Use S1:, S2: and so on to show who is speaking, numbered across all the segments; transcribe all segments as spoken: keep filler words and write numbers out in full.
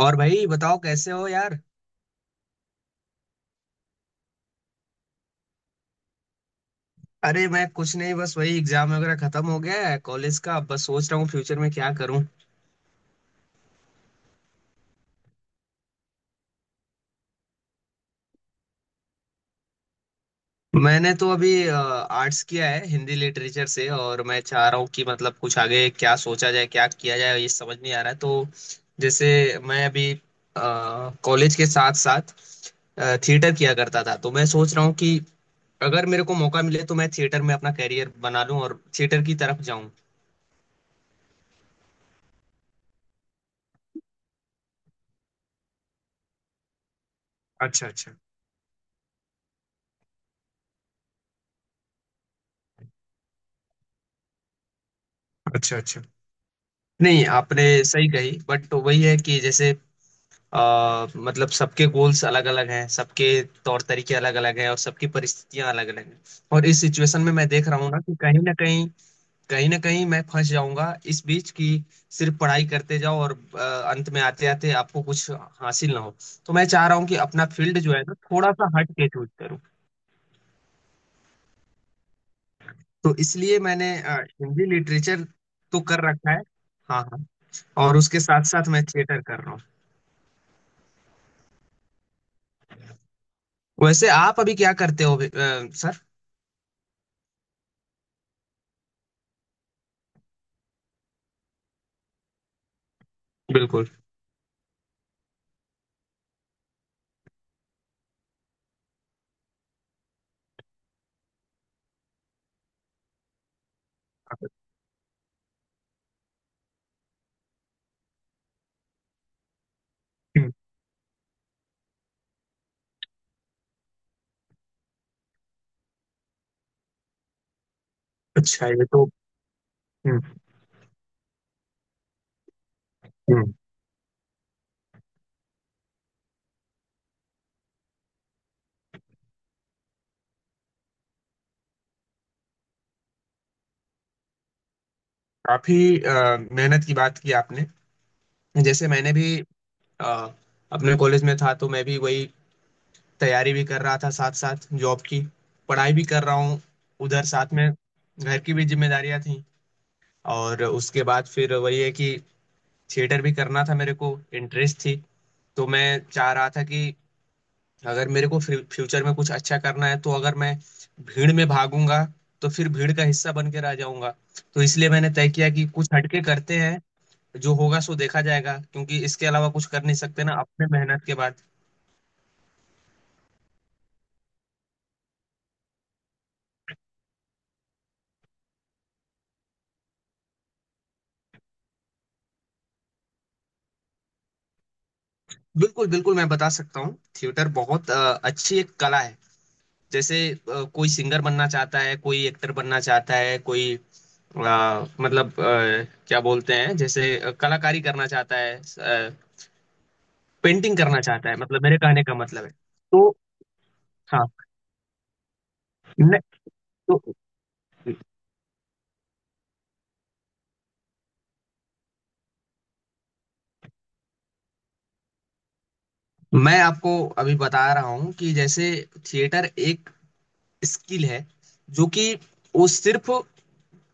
S1: और भाई बताओ कैसे हो यार। अरे मैं कुछ नहीं, बस वही एग्जाम वगैरह खत्म हो गया है कॉलेज का। अब बस सोच रहा हूँ फ्यूचर में क्या करूँ। मैंने तो अभी आर्ट्स किया है हिंदी लिटरेचर से, और मैं चाह रहा हूँ कि मतलब कुछ आगे क्या सोचा जाए, क्या किया जाए ये समझ नहीं आ रहा है। तो जैसे मैं अभी कॉलेज के साथ साथ थिएटर किया करता था, तो मैं सोच रहा हूँ कि अगर मेरे को मौका मिले तो मैं थिएटर में अपना करियर बना लूँ और थिएटर की तरफ जाऊँ। अच्छा अच्छा। अच्छा अच्छा। नहीं, आपने सही कही, बट वही है कि जैसे आ, मतलब सबके गोल्स अलग अलग हैं, सबके तौर तरीके अलग अलग हैं, और सबकी परिस्थितियां अलग अलग हैं। और इस सिचुएशन में मैं देख रहा हूँ ना कि कहीं ना कहीं, कहीं ना कहीं मैं फंस जाऊंगा इस बीच कि सिर्फ पढ़ाई करते जाओ और आ, अंत में आते आते आपको कुछ हासिल ना हो। तो मैं चाह रहा हूँ कि अपना फील्ड जो है ना थोड़ा सा हट के चूज करूँ। तो इसलिए मैंने आ, हिंदी लिटरेचर तो कर रखा है। हाँ हाँ। और उसके साथ साथ मैं थिएटर कर रहा हूँ। वैसे आप अभी क्या करते हो अभी, अ, सर? बिल्कुल। हम्म। अच्छा, ये तो। हम्म हम्म। काफी अ, मेहनत की बात की आपने। जैसे मैंने भी अ, अपने कॉलेज में था तो मैं भी वही तैयारी भी कर रहा था साथ साथ, जॉब की पढ़ाई भी कर रहा हूँ उधर, साथ में घर की भी जिम्मेदारियां थी। और उसके बाद फिर वही है कि थिएटर भी करना था मेरे को, इंटरेस्ट थी। तो मैं चाह रहा था कि अगर मेरे को फ्यूचर में कुछ अच्छा करना है तो अगर मैं भीड़ में भागूंगा तो फिर भीड़ का हिस्सा बन के रह जाऊंगा। तो इसलिए मैंने तय किया कि कुछ हटके करते हैं, जो होगा सो देखा जाएगा। क्योंकि इसके अलावा कुछ कर नहीं सकते ना अपने मेहनत के बाद। बिल्कुल बिल्कुल, मैं बता सकता हूँ। थिएटर बहुत अ, अच्छी एक कला है। जैसे अ, कोई सिंगर बनना चाहता है, कोई एक्टर बनना चाहता है, कोई अ, मतलब अ, क्या बोलते हैं, जैसे अ, कलाकारी करना चाहता है, पेंटिंग करना चाहता है, मतलब मेरे कहने का मतलब है तो। हाँ। नहीं, तो मैं आपको अभी बता रहा हूँ कि जैसे थिएटर एक स्किल है, जो कि वो सिर्फ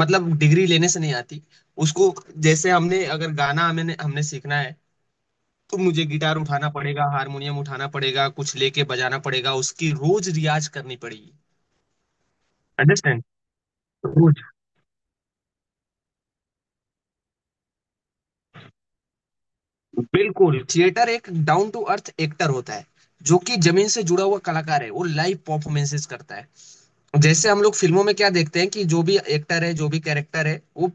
S1: मतलब डिग्री लेने से नहीं आती। उसको, जैसे हमने अगर गाना हमें हमने सीखना है तो मुझे गिटार उठाना पड़ेगा, हारमोनियम उठाना पड़ेगा, कुछ लेके बजाना पड़ेगा, उसकी रोज रियाज करनी पड़ेगी। अंडरस्टैंड। रोज। बिल्कुल, थिएटर एक डाउन टू अर्थ एक्टर होता है, जो कि जमीन से जुड़ा हुआ कलाकार है। वो लाइव परफॉर्मेंसेस करता है। जैसे हम लोग फिल्मों में क्या देखते हैं कि जो भी एक्टर है, जो भी कैरेक्टर है, वो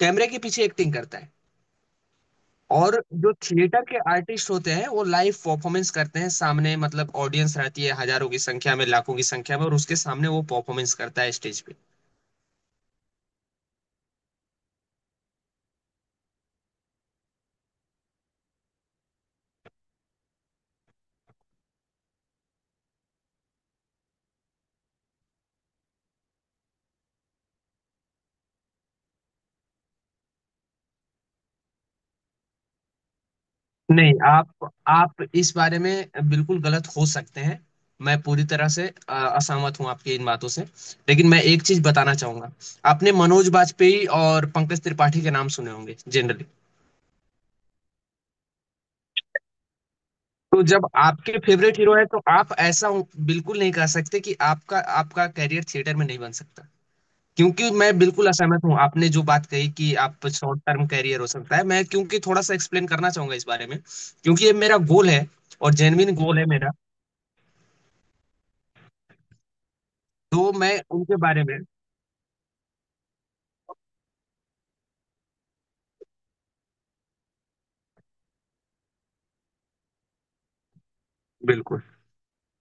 S1: कैमरे के पीछे एक्टिंग करता है। और जो थिएटर के आर्टिस्ट होते हैं वो लाइव परफॉर्मेंस करते हैं सामने, मतलब ऑडियंस रहती है हजारों की संख्या में, लाखों की संख्या में, और उसके सामने वो परफॉर्मेंस करता है स्टेज पे। नहीं, आप आप इस बारे में बिल्कुल गलत हो सकते हैं। मैं पूरी तरह से अ, असहमत हूं आपकी इन बातों से। लेकिन मैं एक चीज बताना चाहूंगा। आपने मनोज बाजपेयी और पंकज त्रिपाठी के नाम सुने होंगे जनरली। तो जब आपके फेवरेट हीरो है तो आप ऐसा हो- बिल्कुल नहीं कह सकते कि आपका आपका कैरियर थिएटर में नहीं बन सकता। क्योंकि मैं बिल्कुल असहमत हूँ आपने जो बात कही कि आप शॉर्ट टर्म कैरियर हो सकता है। मैं क्योंकि थोड़ा सा एक्सप्लेन करना चाहूंगा इस बारे में। क्योंकि ये मेरा गोल है, और जेन्युइन गोल है मेरा। तो मैं उनके बारे में। बिल्कुल।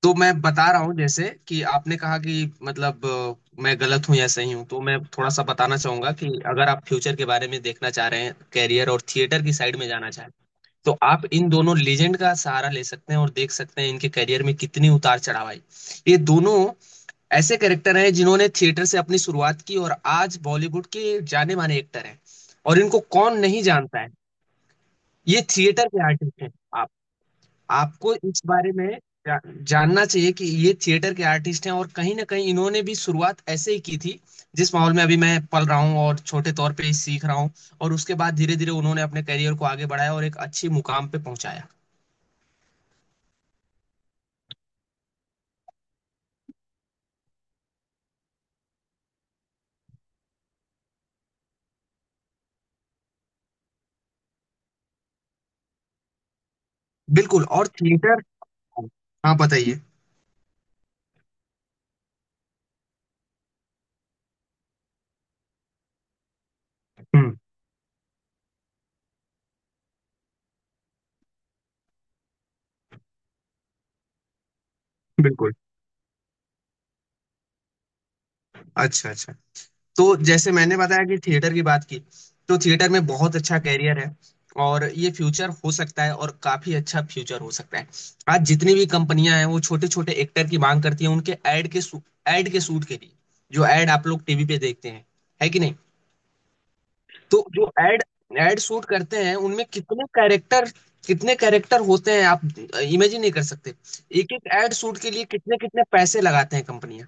S1: तो मैं बता रहा हूँ जैसे कि आपने कहा कि मतलब अ, मैं गलत हूँ या सही हूँ, तो मैं थोड़ा सा बताना चाहूंगा कि अगर आप फ्यूचर के बारे में देखना चाह रहे हैं कैरियर, और थिएटर की साइड में जाना चाह रहे हैं, तो आप इन दोनों लेजेंड का सहारा ले सकते हैं और देख सकते हैं इनके करियर में कितनी उतार चढ़ाव आई। ये दोनों ऐसे कैरेक्टर हैं जिन्होंने थिएटर से अपनी शुरुआत की और आज बॉलीवुड के जाने माने एक्टर हैं। और इनको कौन नहीं जानता है। ये थिएटर के आर्टिस्ट हैं। आप, आपको इस बारे में जा, जानना चाहिए कि ये थिएटर के आर्टिस्ट हैं, और कहीं ना कहीं इन्होंने भी शुरुआत ऐसे ही की थी, जिस माहौल में अभी मैं पल रहा हूँ और छोटे तौर पे ही सीख रहा हूँ। और उसके बाद धीरे धीरे उन्होंने अपने करियर को आगे बढ़ाया और एक अच्छी मुकाम पे पहुंचाया। बिल्कुल। और थिएटर। हाँ, बताइए। हम्म। बिल्कुल। अच्छा अच्छा। तो जैसे मैंने बताया कि थिएटर की बात की, तो थिएटर में बहुत अच्छा कैरियर है। और ये फ्यूचर हो सकता है, और काफी अच्छा फ्यूचर हो सकता है। आज जितनी भी कंपनियां हैं वो छोटे छोटे एक्टर की मांग करती हैं उनके ऐड के, एड के शूट के लिए। जो ऐड आप लोग टीवी पे देखते हैं, है कि नहीं। तो जो एड एड शूट करते हैं उनमें कितने कैरेक्टर, कितने कैरेक्टर होते हैं आप इमेजिन नहीं कर सकते। एक एक एड शूट के लिए कितने कितने पैसे लगाते हैं कंपनियां।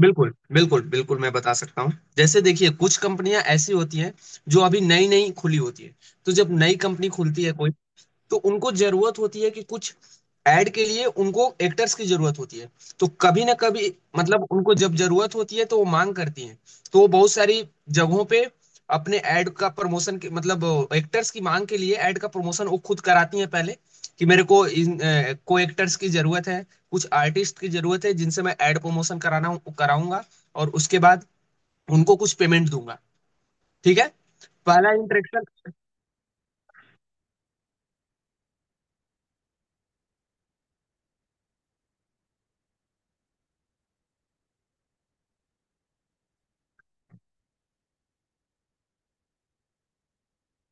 S1: बिल्कुल बिल्कुल बिल्कुल, मैं बता सकता हूँ। जैसे देखिए, कुछ कंपनियां ऐसी होती हैं जो अभी नई नई खुली होती है। तो जब नई कंपनी खुलती है कोई, तो उनको जरूरत होती है कि कुछ ऐड के लिए उनको एक्टर्स की जरूरत होती है। तो कभी ना कभी मतलब उनको जब जरूरत होती है तो वो मांग करती हैं। तो वो बहुत सारी जगहों पे अपने ऐड का प्रमोशन के मतलब एक्टर्स की मांग के लिए ऐड का प्रमोशन वो खुद कराती हैं पहले, कि मेरे को इन अ, को एक्टर्स की जरूरत है, कुछ आर्टिस्ट की जरूरत है, जिनसे मैं ऐड प्रमोशन कराना कराऊंगा, और उसके बाद उनको कुछ पेमेंट दूंगा। ठीक है। पहला इंटरेक्शन।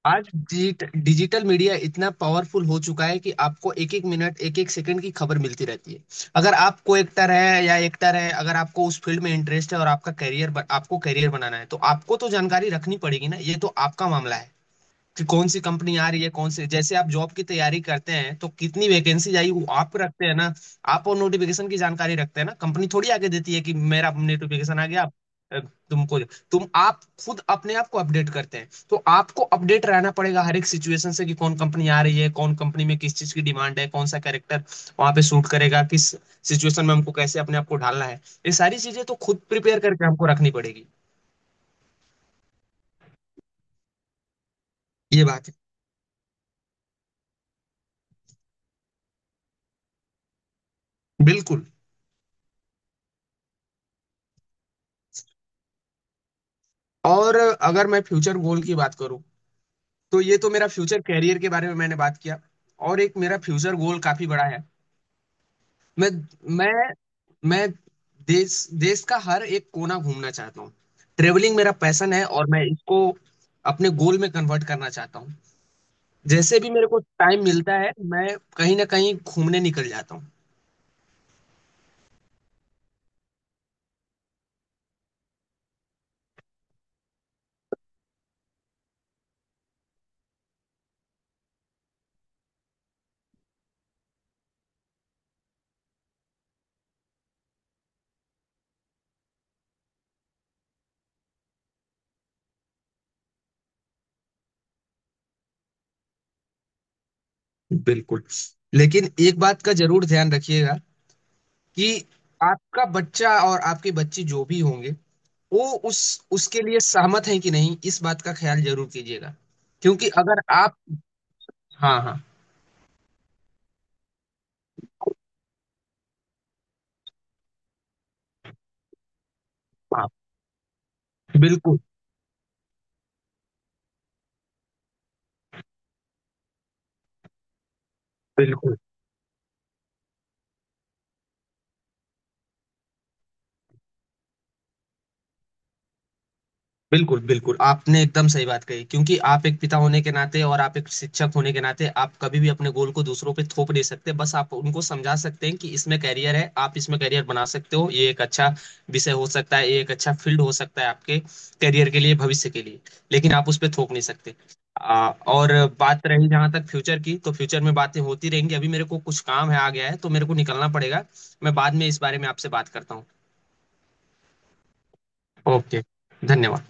S1: आज डिजिट, डिजिटल मीडिया इतना पावरफुल हो चुका है कि आपको एक एक मिनट, एक एक सेकंड की खबर मिलती रहती है। अगर आप को एक्टर है या एक्टर है, अगर आपको उस फील्ड में इंटरेस्ट है और आपका करियर, आपको करियर बनाना है, तो आपको तो जानकारी रखनी पड़ेगी ना, ये तो आपका मामला है कि कौन सी कंपनी आ रही है, कौन से, जैसे आप जॉब की तैयारी करते हैं तो कितनी वैकेंसीज आई वो आप रखते हैं ना। आप और नोटिफिकेशन की जानकारी रखते हैं ना, कंपनी थोड़ी आगे देती है कि मेरा नोटिफिकेशन आ गया। अ, तुमको तुम आप खुद अपने आप को अपडेट करते हैं, तो आपको अपडेट रहना पड़ेगा हर एक सिचुएशन से कि कौन कंपनी आ रही है, कौन कंपनी में किस चीज की डिमांड है, कौन सा कैरेक्टर वहां पे सूट करेगा, किस सिचुएशन में हमको कैसे अपने आप को ढालना है, ये सारी चीजें तो खुद प्रिपेयर करके हमको रखनी पड़ेगी। ये बात है। बिल्कुल। और अगर मैं फ्यूचर गोल की बात करूं, तो ये तो मेरा फ्यूचर कैरियर के बारे में मैंने बात किया। और एक मेरा फ्यूचर गोल काफी बड़ा है। मैं मैं मैं देश देश का हर एक कोना घूमना चाहता हूँ। ट्रेवलिंग मेरा पैशन है, और मैं इसको अपने गोल में कन्वर्ट करना चाहता हूँ। जैसे भी मेरे को टाइम मिलता है मैं कहीं ना कहीं घूमने निकल जाता हूँ। बिल्कुल। लेकिन एक बात का जरूर ध्यान रखिएगा कि आपका बच्चा और आपके बच्चे जो भी होंगे, वो उस उसके लिए सहमत हैं कि नहीं, इस बात का ख्याल जरूर कीजिएगा। क्योंकि अगर आप, हाँ हाँ। हाँ, बिल्कुल बिल्कुल बिल्कुल। बिल्कुल आपने एकदम सही बात कही, क्योंकि आप एक पिता होने के नाते और आप एक शिक्षक होने के नाते आप कभी भी अपने गोल को दूसरों पे थोप नहीं सकते। बस आप उनको समझा सकते हैं कि इसमें कैरियर है, आप इसमें कैरियर बना सकते हो, ये एक अच्छा विषय हो सकता है, ये एक अच्छा फील्ड हो सकता है आपके कैरियर के लिए, भविष्य के लिए। लेकिन आप उस पर थोप नहीं सकते। आ, और बात रही जहां तक फ्यूचर की, तो फ्यूचर में बातें होती रहेंगी, अभी मेरे को कुछ काम है आ गया है तो मेरे को निकलना पड़ेगा। मैं बाद में इस बारे में आपसे बात करता हूँ। ओके, धन्यवाद।